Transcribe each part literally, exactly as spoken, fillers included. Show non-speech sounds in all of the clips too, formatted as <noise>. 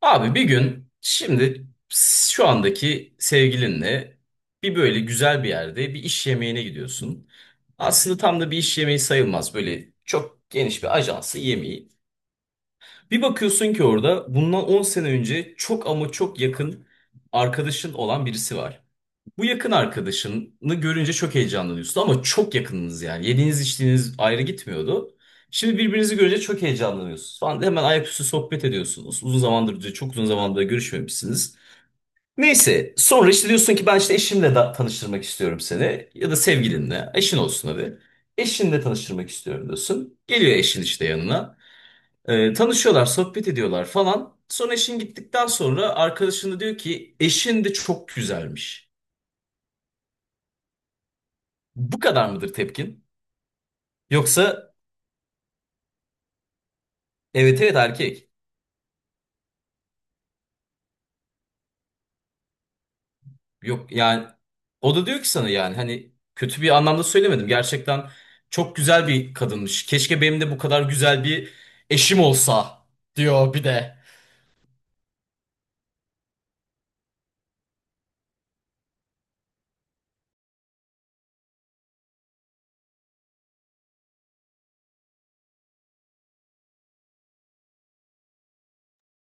Abi bir gün şimdi şu andaki sevgilinle bir böyle güzel bir yerde bir iş yemeğine gidiyorsun. Aslında tam da bir iş yemeği sayılmaz. Böyle çok geniş bir ajansı yemeği. Bir bakıyorsun ki orada bundan on sene önce çok ama çok yakın arkadaşın olan birisi var. Bu yakın arkadaşını görünce çok heyecanlanıyorsun ama çok yakınınız yani. Yediğiniz içtiğiniz ayrı gitmiyordu. Şimdi birbirinizi görünce çok heyecanlanıyorsunuz falan. Hemen ayaküstü sohbet ediyorsunuz. Uzun zamandır, çok uzun zamandır görüşmemişsiniz. Neyse sonra işte diyorsun ki ben işte eşimle da tanıştırmak istiyorum seni. Ya da sevgilinle. Eşin olsun hadi. Eşinle tanıştırmak istiyorum diyorsun. Geliyor eşin işte yanına. Ee, tanışıyorlar, sohbet ediyorlar falan. Sonra eşin gittikten sonra arkadaşını diyor ki eşin de çok güzelmiş. Bu kadar mıdır tepkin? Yoksa evet evet erkek. Yok yani o da diyor ki sana yani hani kötü bir anlamda söylemedim. Gerçekten çok güzel bir kadınmış. Keşke benim de bu kadar güzel bir eşim olsa diyor bir de.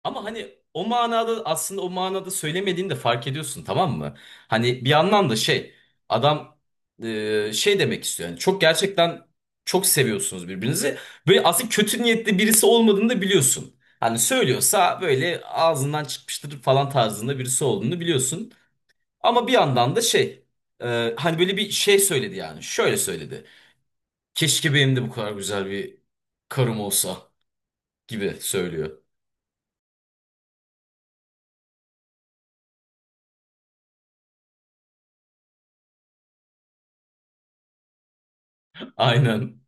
Ama hani o manada aslında o manada söylemediğini de fark ediyorsun, tamam mı? Hani bir yandan da şey adam, e, şey demek istiyor. Yani çok gerçekten çok seviyorsunuz birbirinizi. Böyle aslında kötü niyetli birisi olmadığını da biliyorsun. Hani söylüyorsa böyle ağzından çıkmıştır falan tarzında birisi olduğunu biliyorsun. Ama bir yandan da şey, e, hani böyle bir şey söyledi yani. Şöyle söyledi. Keşke benim de bu kadar güzel bir karım olsa gibi söylüyor. <laughs> Aynen.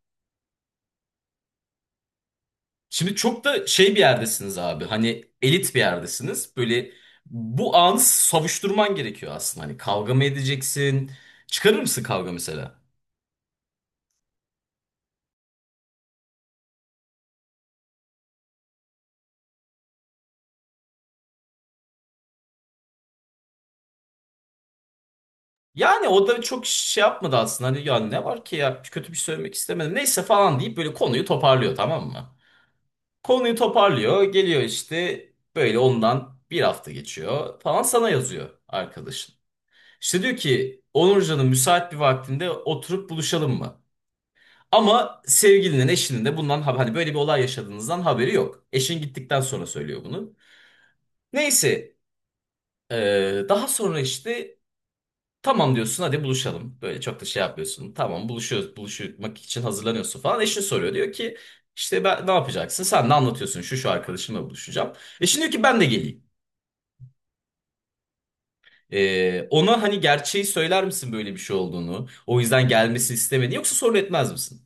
Şimdi çok da şey bir yerdesiniz abi. Hani elit bir yerdesiniz. Böyle bu anı savuşturman gerekiyor aslında. Hani kavga mı edeceksin? Çıkarır mısın kavga mesela? Yani o da çok şey yapmadı aslında. Hani ya ne var ki ya kötü bir şey söylemek istemedim. Neyse falan deyip böyle konuyu toparlıyor, tamam mı? Konuyu toparlıyor. Geliyor işte böyle ondan bir hafta geçiyor falan, sana yazıyor arkadaşın. İşte diyor ki Onurcanın müsait bir vaktinde oturup buluşalım mı? Ama sevgilinin, eşinin de bundan hab- hani böyle bir olay yaşadığınızdan haberi yok. Eşin gittikten sonra söylüyor bunu. Neyse, eee, daha sonra işte tamam diyorsun, hadi buluşalım. Böyle çok da şey yapmıyorsun. Tamam buluşuyoruz, buluşmak için hazırlanıyorsun falan. Eşin soruyor, diyor ki işte ben ne yapacaksın? Sen ne anlatıyorsun? Şu şu arkadaşımla buluşacağım. Eşin diyor ki ben de geleyim. Eee, ona hani gerçeği söyler misin böyle bir şey olduğunu? O yüzden gelmesini istemediğini, yoksa sorun etmez misin?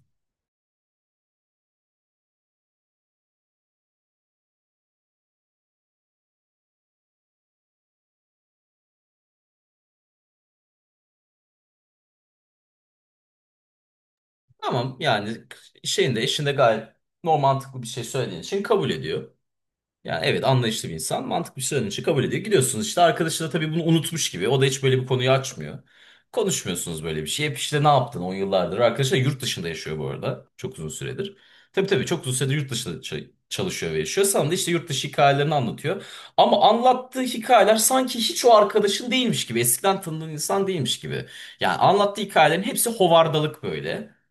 Tamam yani şeyin de eşin de gayet normal mantıklı bir şey söylediğin için kabul ediyor. Yani evet, anlayışlı bir insan, mantıklı bir şey söylediğin için kabul ediyor. Gidiyorsunuz işte, arkadaşı da tabii bunu unutmuş gibi. O da hiç böyle bir konuyu açmıyor. Konuşmuyorsunuz böyle bir şey. Hep işte ne yaptın on yıllardır. Arkadaşı da yurt dışında yaşıyor bu arada. Çok uzun süredir. Tabii tabii, çok uzun süredir yurt dışında ça- çalışıyor ve yaşıyor. Sana da işte yurt dışı hikayelerini anlatıyor. Ama anlattığı hikayeler sanki hiç o arkadaşın değilmiş gibi. Eskiden tanıdığın insan değilmiş gibi. Yani anlattığı hikayelerin hepsi hovardalık böyle.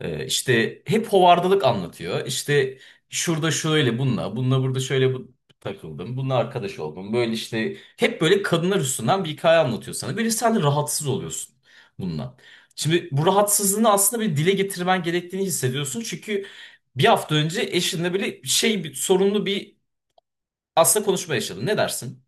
Ee, işte hep hovardalık anlatıyor. İşte şurada şöyle bununla, bununla burada şöyle bu takıldım. Bununla arkadaş oldum. Böyle işte hep böyle kadınlar üstünden bir hikaye anlatıyor sana. Böyle sen de rahatsız oluyorsun bununla. Şimdi bu rahatsızlığını aslında bir dile getirmen gerektiğini hissediyorsun. Çünkü bir hafta önce eşinle böyle şey bir sorunlu bir aslında konuşma yaşadın. Ne dersin?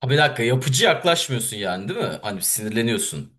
Ha bir dakika, yapıcı yaklaşmıyorsun yani değil mi? Hani sinirleniyorsun.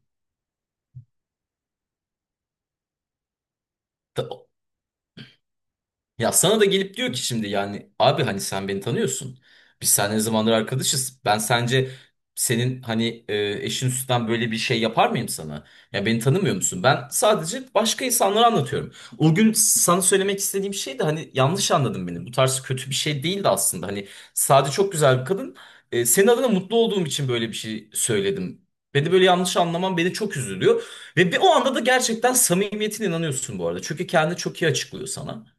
Ya sana da gelip diyor ki şimdi yani abi hani sen beni tanıyorsun. Biz seninle ne zamandır arkadaşız. Ben sence senin hani, e, eşin üstünden böyle bir şey yapar mıyım sana? Ya beni tanımıyor musun? Ben sadece başka insanlara anlatıyorum. O gün sana söylemek istediğim şey de hani, yanlış anladın beni. Bu tarz kötü bir şey değildi aslında. Hani sade çok güzel bir kadın. E, senin adına mutlu olduğum için böyle bir şey söyledim. Beni böyle yanlış anlaman beni çok üzülüyor. Ve bir o anda da gerçekten samimiyetine inanıyorsun bu arada. Çünkü kendini çok iyi açıklıyor sana.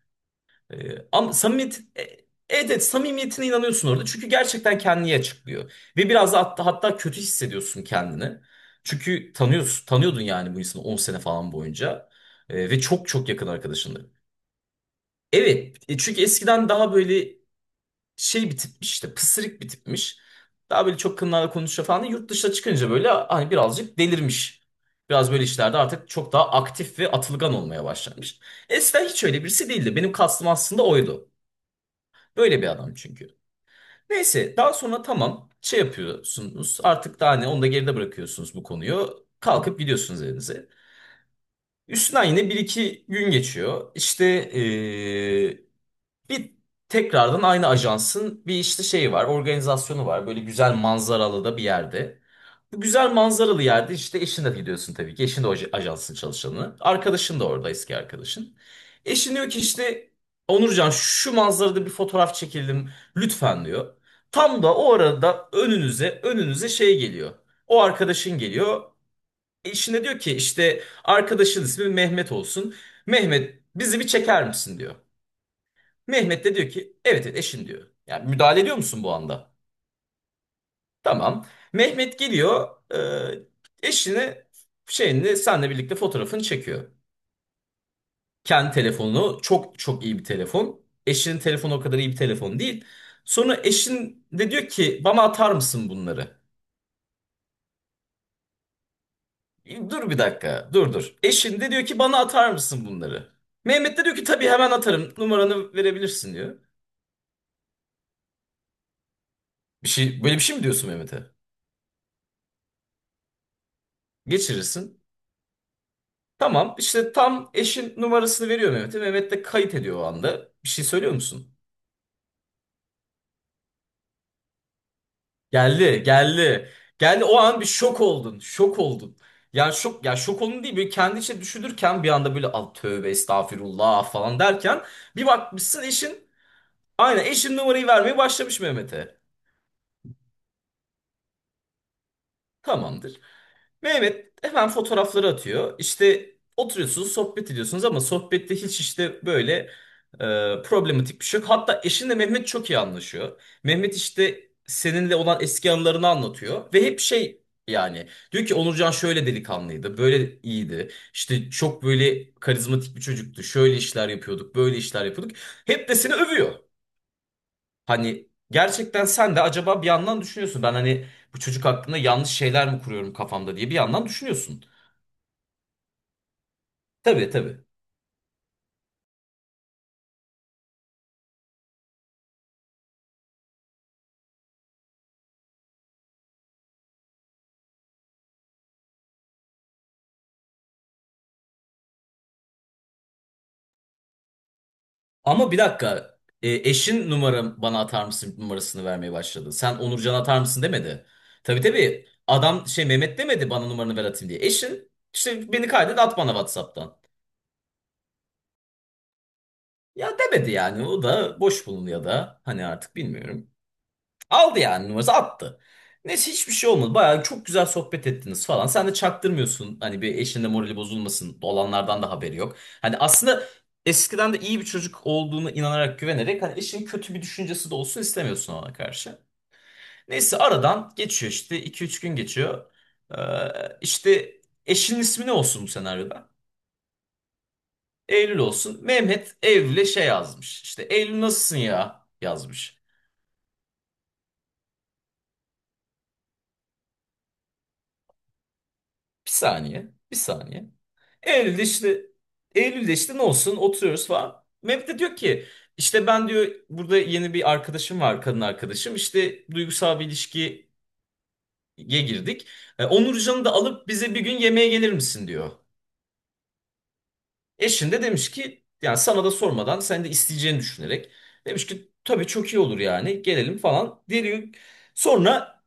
Ee, ama samimiyet, e- evet evet, samimiyetine inanıyorsun orada. Çünkü gerçekten kendini açıklıyor. Ve biraz da hatta, hatta kötü hissediyorsun kendini. Çünkü tanıyorsun, tanıyordun yani bu insanı on sene falan boyunca. Ee, ve çok çok yakın arkadaşındı. Evet, e, çünkü eskiden daha böyle şey bir tipmiş, işte pısırık bir tipmiş. Daha böyle çok kınlarla konuşuyor falan. Yurt dışına çıkınca böyle hani birazcık delirmiş. Biraz böyle işlerde artık çok daha aktif ve atılgan olmaya başlamış. Eskiden hiç öyle birisi değildi. Benim kastım aslında oydu. Böyle bir adam çünkü. Neyse daha sonra tamam şey yapıyorsunuz, artık daha ne onu da geride bırakıyorsunuz bu konuyu. Kalkıp gidiyorsunuz evinize. Üstünden yine bir iki gün geçiyor. İşte eee, bir tekrardan aynı ajansın bir işte şeyi var, organizasyonu var. Böyle güzel manzaralı da bir yerde. Bu güzel manzaralı yerde işte eşinle gidiyorsun tabii ki. Eşin de o aj- ajansın çalışanı. Arkadaşın da orada, eski arkadaşın. Eşin diyor ki işte Onurcan şu manzarada bir fotoğraf çekelim lütfen diyor. Tam da o arada önünüze önünüze şey geliyor. O arkadaşın geliyor. Eşine diyor ki işte arkadaşın ismi Mehmet olsun. Mehmet bizi bir çeker misin diyor. Mehmet de diyor ki evet evet eşin diyor. Yani müdahale ediyor musun bu anda? Tamam. Mehmet geliyor, e, eşini şeyini senle birlikte fotoğrafını çekiyor. Kendi telefonu çok çok iyi bir telefon. Eşinin telefonu o kadar iyi bir telefon değil. Sonra eşin de diyor ki bana atar mısın bunları? E, Dur bir dakika, dur dur. Eşin de diyor ki bana atar mısın bunları? Mehmet de diyor ki tabii hemen atarım, numaranı verebilirsin diyor. Bir şey, böyle bir şey mi diyorsun Mehmet'e? Geçirirsin. Tamam işte tam eşin numarasını veriyor Mehmet'e. Mehmet de kayıt ediyor o anda. Bir şey söylüyor musun? Geldi, geldi. Geldi o an bir şok oldun. Şok oldun. Yani şok, ya şok olun değil, böyle kendi içine düşünürken bir anda böyle al tövbe estağfirullah falan derken bir bakmışsın eşin, aynen eşin numarayı vermeye başlamış Mehmet'e. Tamamdır. Mehmet hemen fotoğrafları atıyor. İşte oturuyorsunuz, sohbet ediyorsunuz ama sohbette hiç işte böyle, e, problematik bir şey yok. Hatta eşinle Mehmet çok iyi anlaşıyor. Mehmet işte seninle olan eski anılarını anlatıyor ve hep şey, yani diyor ki Onurcan şöyle delikanlıydı, böyle iyiydi. İşte çok böyle karizmatik bir çocuktu. Şöyle işler yapıyorduk, böyle işler yapıyorduk. Hep de seni övüyor. Hani gerçekten sen de acaba bir yandan düşünüyorsun. Ben hani bu çocuk hakkında yanlış şeyler mi kuruyorum kafamda diye bir yandan düşünüyorsun. Tabii tabii. Ama bir dakika. E, eşin numaram bana atar mısın numarasını vermeye başladı. Sen Onurcan atar mısın demedi. Tabii tabii. Adam şey Mehmet demedi bana numaranı ver atayım diye. Eşin işte beni kaydet at bana WhatsApp'tan. Ya demedi yani. O da boş bulunuyor da. Hani artık bilmiyorum. Aldı yani, numarası attı. Neyse hiçbir şey olmadı. Bayağı çok güzel sohbet ettiniz falan. Sen de çaktırmıyorsun. Hani bir eşinin de morali bozulmasın. Olanlardan da haberi yok. Hani aslında eskiden de iyi bir çocuk olduğunu inanarak, güvenerek hani eşinin kötü bir düşüncesi de olsun istemiyorsun ona karşı. Neyse aradan geçiyor işte, iki üç gün geçiyor. Ee, işte eşinin ismi ne olsun bu senaryoda? Eylül olsun. Mehmet Eylül'e şey yazmış. İşte Eylül nasılsın ya yazmış. Bir saniye, bir saniye. Eylül'de işte Eylül'de işte ne olsun oturuyoruz falan. Mehmet de diyor ki işte ben diyor burada yeni bir arkadaşım var, kadın arkadaşım, işte duygusal bir ilişkiye girdik. E, Onurcan'ı da alıp bize bir gün yemeğe gelir misin diyor. Eşin de demiş ki yani sana da sormadan, sen de isteyeceğini düşünerek demiş ki tabii çok iyi olur yani, gelelim falan diyor. Sonra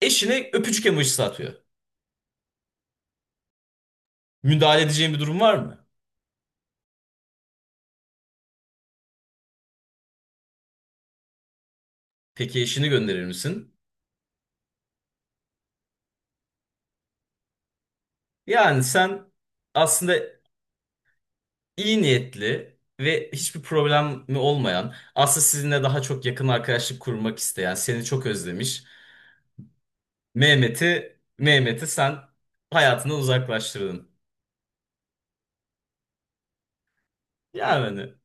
eşine öpücük emojisi atıyor. Müdahale edeceğin bir durum var mı? Peki eşini gönderir misin? Yani sen aslında iyi niyetli ve hiçbir problemi olmayan, aslında sizinle daha çok yakın arkadaşlık kurmak isteyen, seni çok özlemiş. Mehmet'i, Mehmet'i sen hayatından uzaklaştırdın. Yani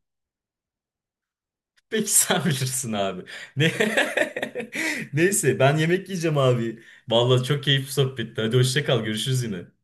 peki sen <laughs> bilirsin abi. Ne? <laughs> Neyse ben yemek yiyeceğim abi. Vallahi çok keyifli sohbetti. Hadi hoşça kal, görüşürüz yine.